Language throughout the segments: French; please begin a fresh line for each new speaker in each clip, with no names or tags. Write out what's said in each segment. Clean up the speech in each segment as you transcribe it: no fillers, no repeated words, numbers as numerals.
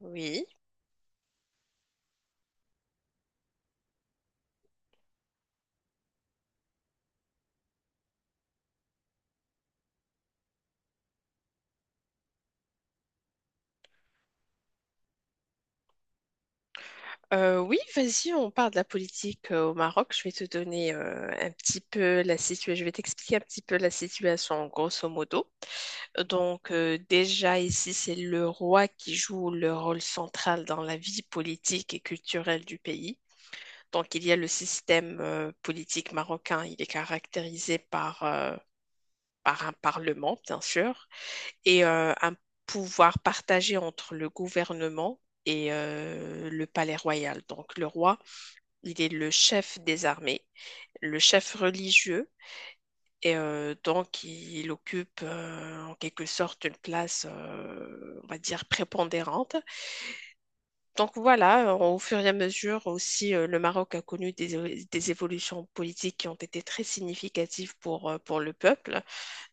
Oui, oui, vas-y, on parle de la politique au Maroc. Je vais te donner un petit peu la situation. Je vais t'expliquer un petit peu la situation, grosso modo. Donc, déjà ici, c'est le roi qui joue le rôle central dans la vie politique et culturelle du pays. Donc, il y a le système politique marocain. Il est caractérisé par un parlement, bien sûr, et un pouvoir partagé entre le gouvernement et le palais royal. Donc, le roi il est le chef des armées, le chef religieux, et donc il occupe en quelque sorte une place, on va dire, prépondérante. Donc voilà, au fur et à mesure aussi, le Maroc a connu des évolutions politiques qui ont été très significatives pour le peuple.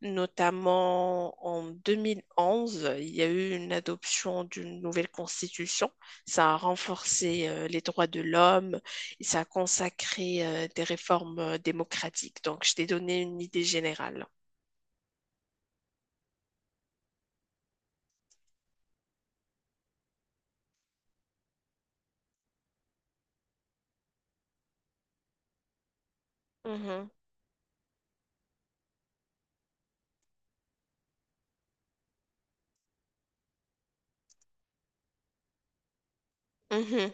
Notamment en 2011, il y a eu une adoption d'une nouvelle constitution. Ça a renforcé les droits de l'homme et ça a consacré des réformes démocratiques. Donc je t'ai donné une idée générale. Mhm, mhm,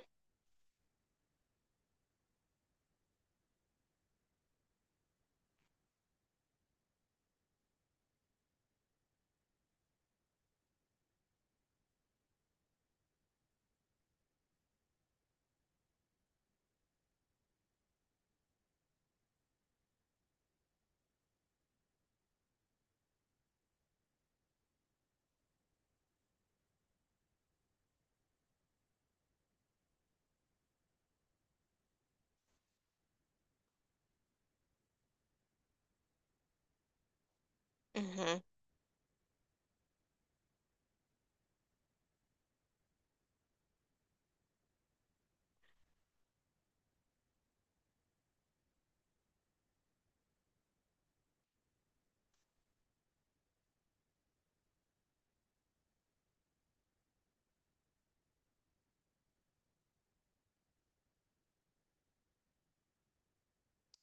mhm.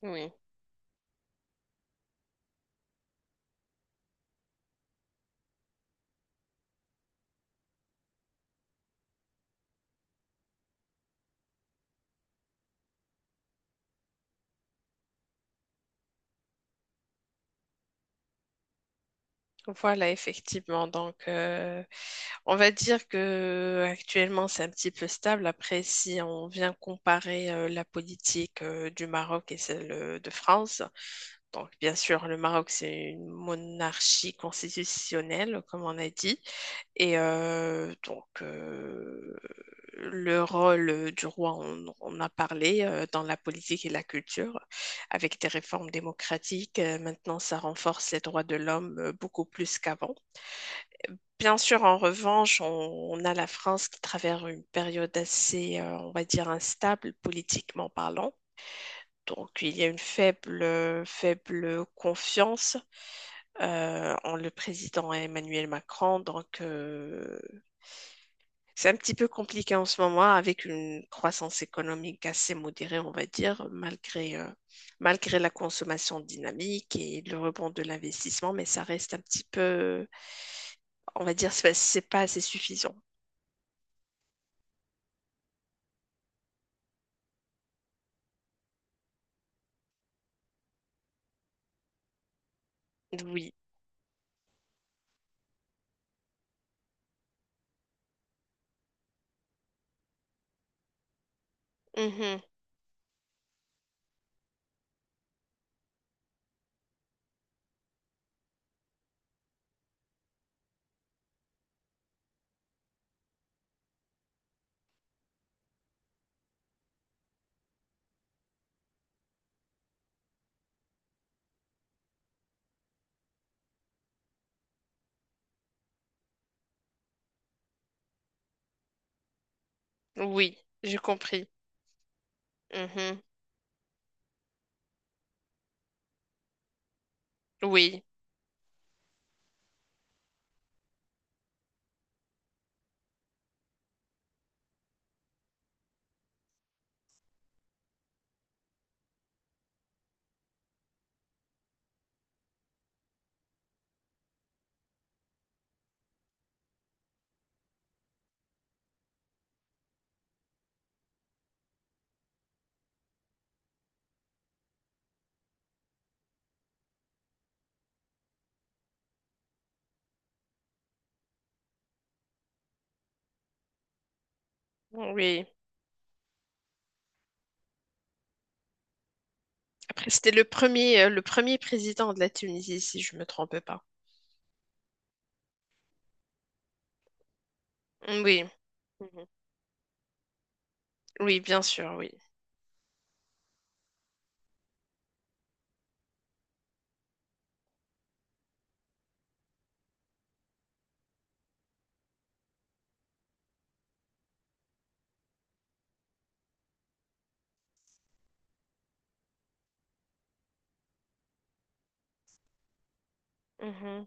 Oui. Voilà, effectivement. Donc, on va dire que actuellement c'est un petit peu stable. Après, si on vient comparer la politique du Maroc et celle de France, donc, bien sûr, le Maroc, c'est une monarchie constitutionnelle, comme on a dit. Et donc, le rôle du roi, on a parlé dans la politique et la culture, avec des réformes démocratiques. Maintenant, ça renforce les droits de l'homme beaucoup plus qu'avant. Bien sûr, en revanche, on a la France qui traverse une période assez, on va dire, instable politiquement parlant. Donc, il y a une faible confiance en le président Emmanuel Macron. Donc, c'est un petit peu compliqué en ce moment avec une croissance économique assez modérée, on va dire, malgré la consommation dynamique et le rebond de l'investissement, mais ça reste un petit peu, on va dire, c'est pas assez suffisant. Oui. Mhm. Oui, j'ai compris. Mhm. Oui. Oui. Après, c'était le premier président de la Tunisie, si je me trompe pas. Oui. Mhm. Oui, bien sûr, oui. Mhm.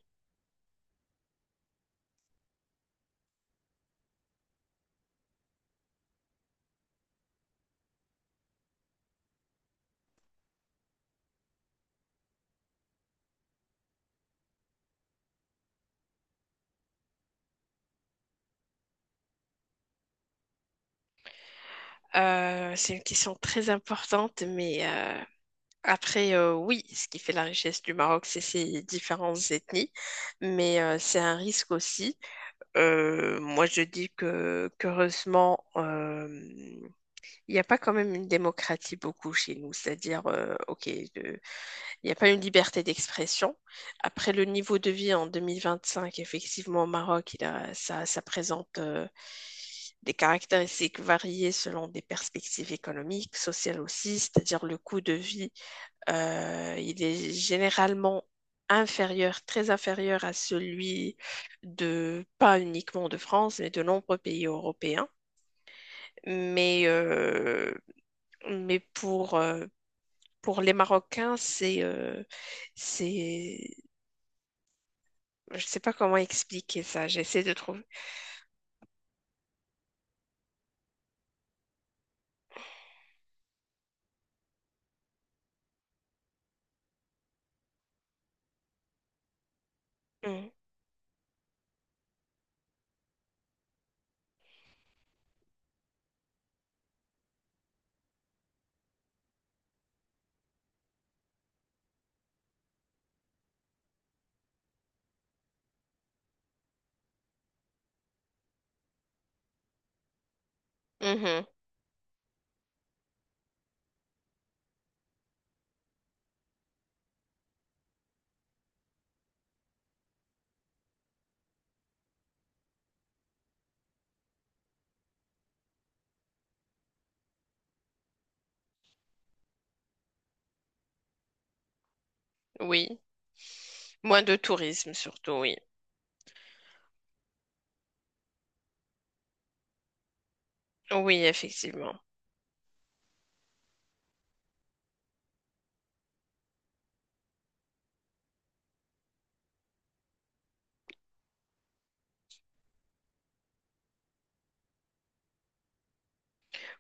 C'est une question très importante, mais après, oui, ce qui fait la richesse du Maroc, c'est ses différentes ethnies, mais c'est un risque aussi. Moi, je dis que qu'heureusement, il n'y a pas quand même une démocratie beaucoup chez nous, c'est-à-dire, ok, de- il n'y a pas une liberté d'expression. Après, le niveau de vie en 2025, effectivement, au Maroc, ça, ça présente des caractéristiques variées selon des perspectives économiques, sociales aussi, c'est-à-dire le coût de vie, il est généralement inférieur, très inférieur à celui de, pas uniquement de France, mais de nombreux pays européens. Mais, euh, mais pour les Marocains, c'est, je sais pas comment expliquer ça, j'essaie de trouver. Mm. Mhm. Oui, moins de tourisme surtout, oui. Oui, effectivement.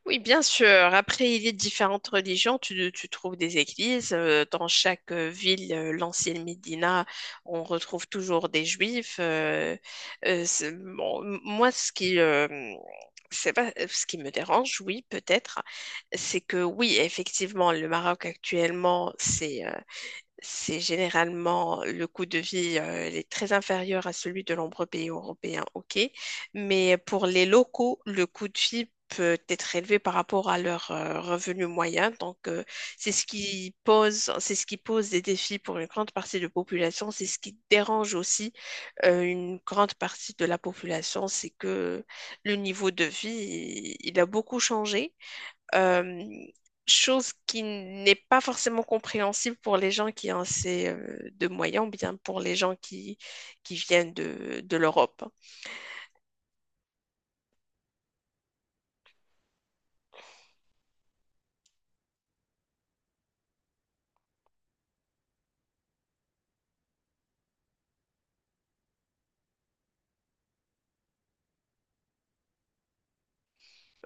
Oui, bien sûr. Après, il y a différentes religions. Tu trouves des églises. Dans chaque ville, l'ancienne Médina, on retrouve toujours des juifs. Bon, moi, ce qui, c'est pas, ce qui me dérange, oui, peut-être, c'est que oui, effectivement, le Maroc actuellement, c'est généralement le coût de vie, il est très inférieur à celui de nombreux pays européens, ok. Mais pour les locaux, le coût de vie peut être élevé par rapport à leur revenu moyen. Donc, c'est ce qui pose des défis pour une grande partie de la population. C'est ce qui dérange aussi une grande partie de la population, c'est que le niveau de vie, il a beaucoup changé. Euh, Chose qui n'est pas forcément compréhensible pour les gens qui ont assez de moyens, ou bien pour les gens qui viennent de l'Europe.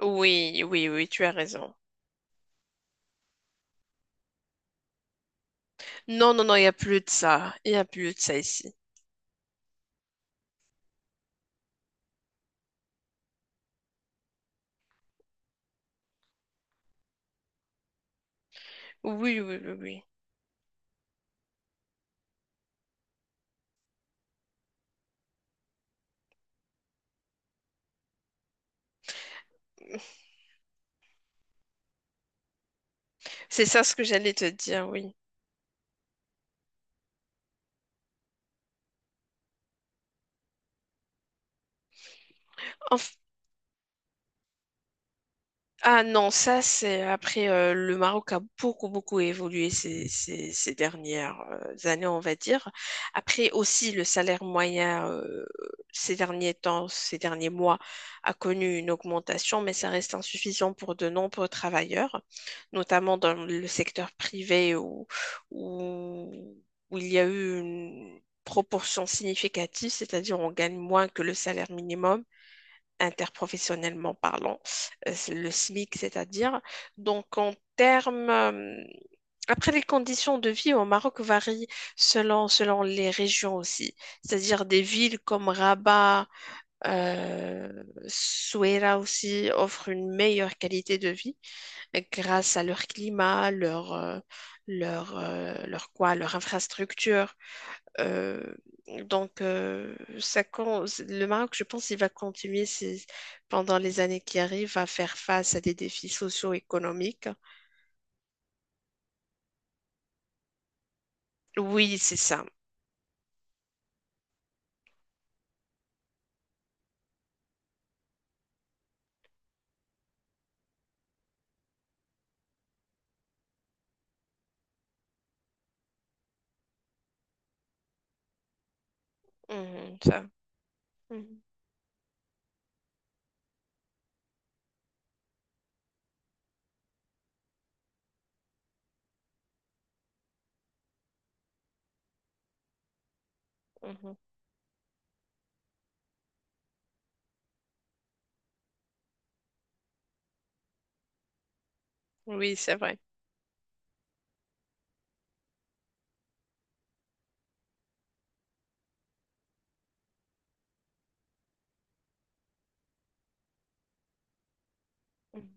Oui, oui, oui, tu as raison. Non, non, non, il n'y a plus de ça. Il n'y a plus de ça ici. Oui, oui, oui, oui. C'est ça ce que j'allais te dire, oui. Ah non, ça c'est après le Maroc a beaucoup beaucoup évolué ces dernières années, on va dire. Après aussi le salaire moyen ces derniers temps, ces derniers mois a connu une augmentation, mais ça reste insuffisant pour de nombreux travailleurs, notamment dans le secteur privé où, où il y a eu une proportion significative, c'est-à-dire on gagne moins que le salaire minimum interprofessionnellement parlant, le SMIC, c'est-à-dire. Donc, en termes. Après, les conditions de vie au Maroc varient selon les régions aussi, c'est-à-dire des villes comme Rabat, euh, Souaira aussi offrent une meilleure qualité de vie grâce à leur climat, leur leur infrastructure. Euh, donc, le Maroc, je pense, il va continuer pendant les années qui arrivent à faire face à des défis socio-économiques. Oui, c'est ça. Mhm, ça. Mhm, mhm. Oui, c'est vrai. Mhm.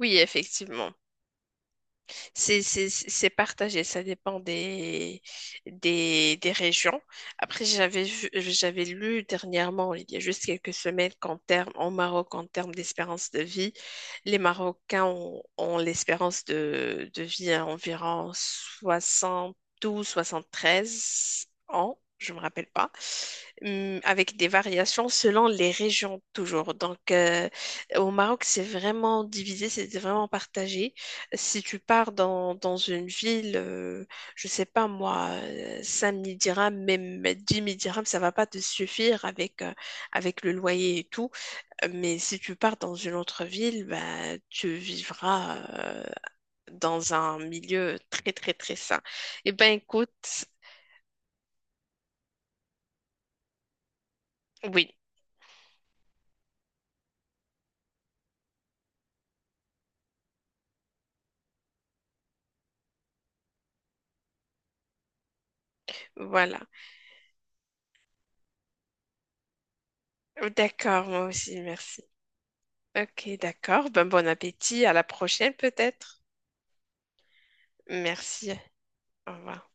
Oui, effectivement. C'est partagé, ça dépend des régions. Après, j'avais lu dernièrement, il y a juste quelques semaines, qu'en termes, au Maroc, en termes d'espérance de vie, les Marocains ont l'espérance de vie à environ 73 ans, je me rappelle pas. Avec des variations selon les régions toujours. Donc, au Maroc, c'est vraiment divisé, c'est vraiment partagé. Si tu pars dans une ville, je sais pas moi, 5 000 dirhams, même 10 000 dirhams, ça va pas te suffire avec le loyer et tout. Mais si tu pars dans une autre ville, bah, tu vivras dans un milieu très très très sain. Eh ben écoute, oui, voilà. D'accord, moi aussi, merci. Ok, d'accord. Ben, bon appétit, à la prochaine peut-être. Merci, au revoir.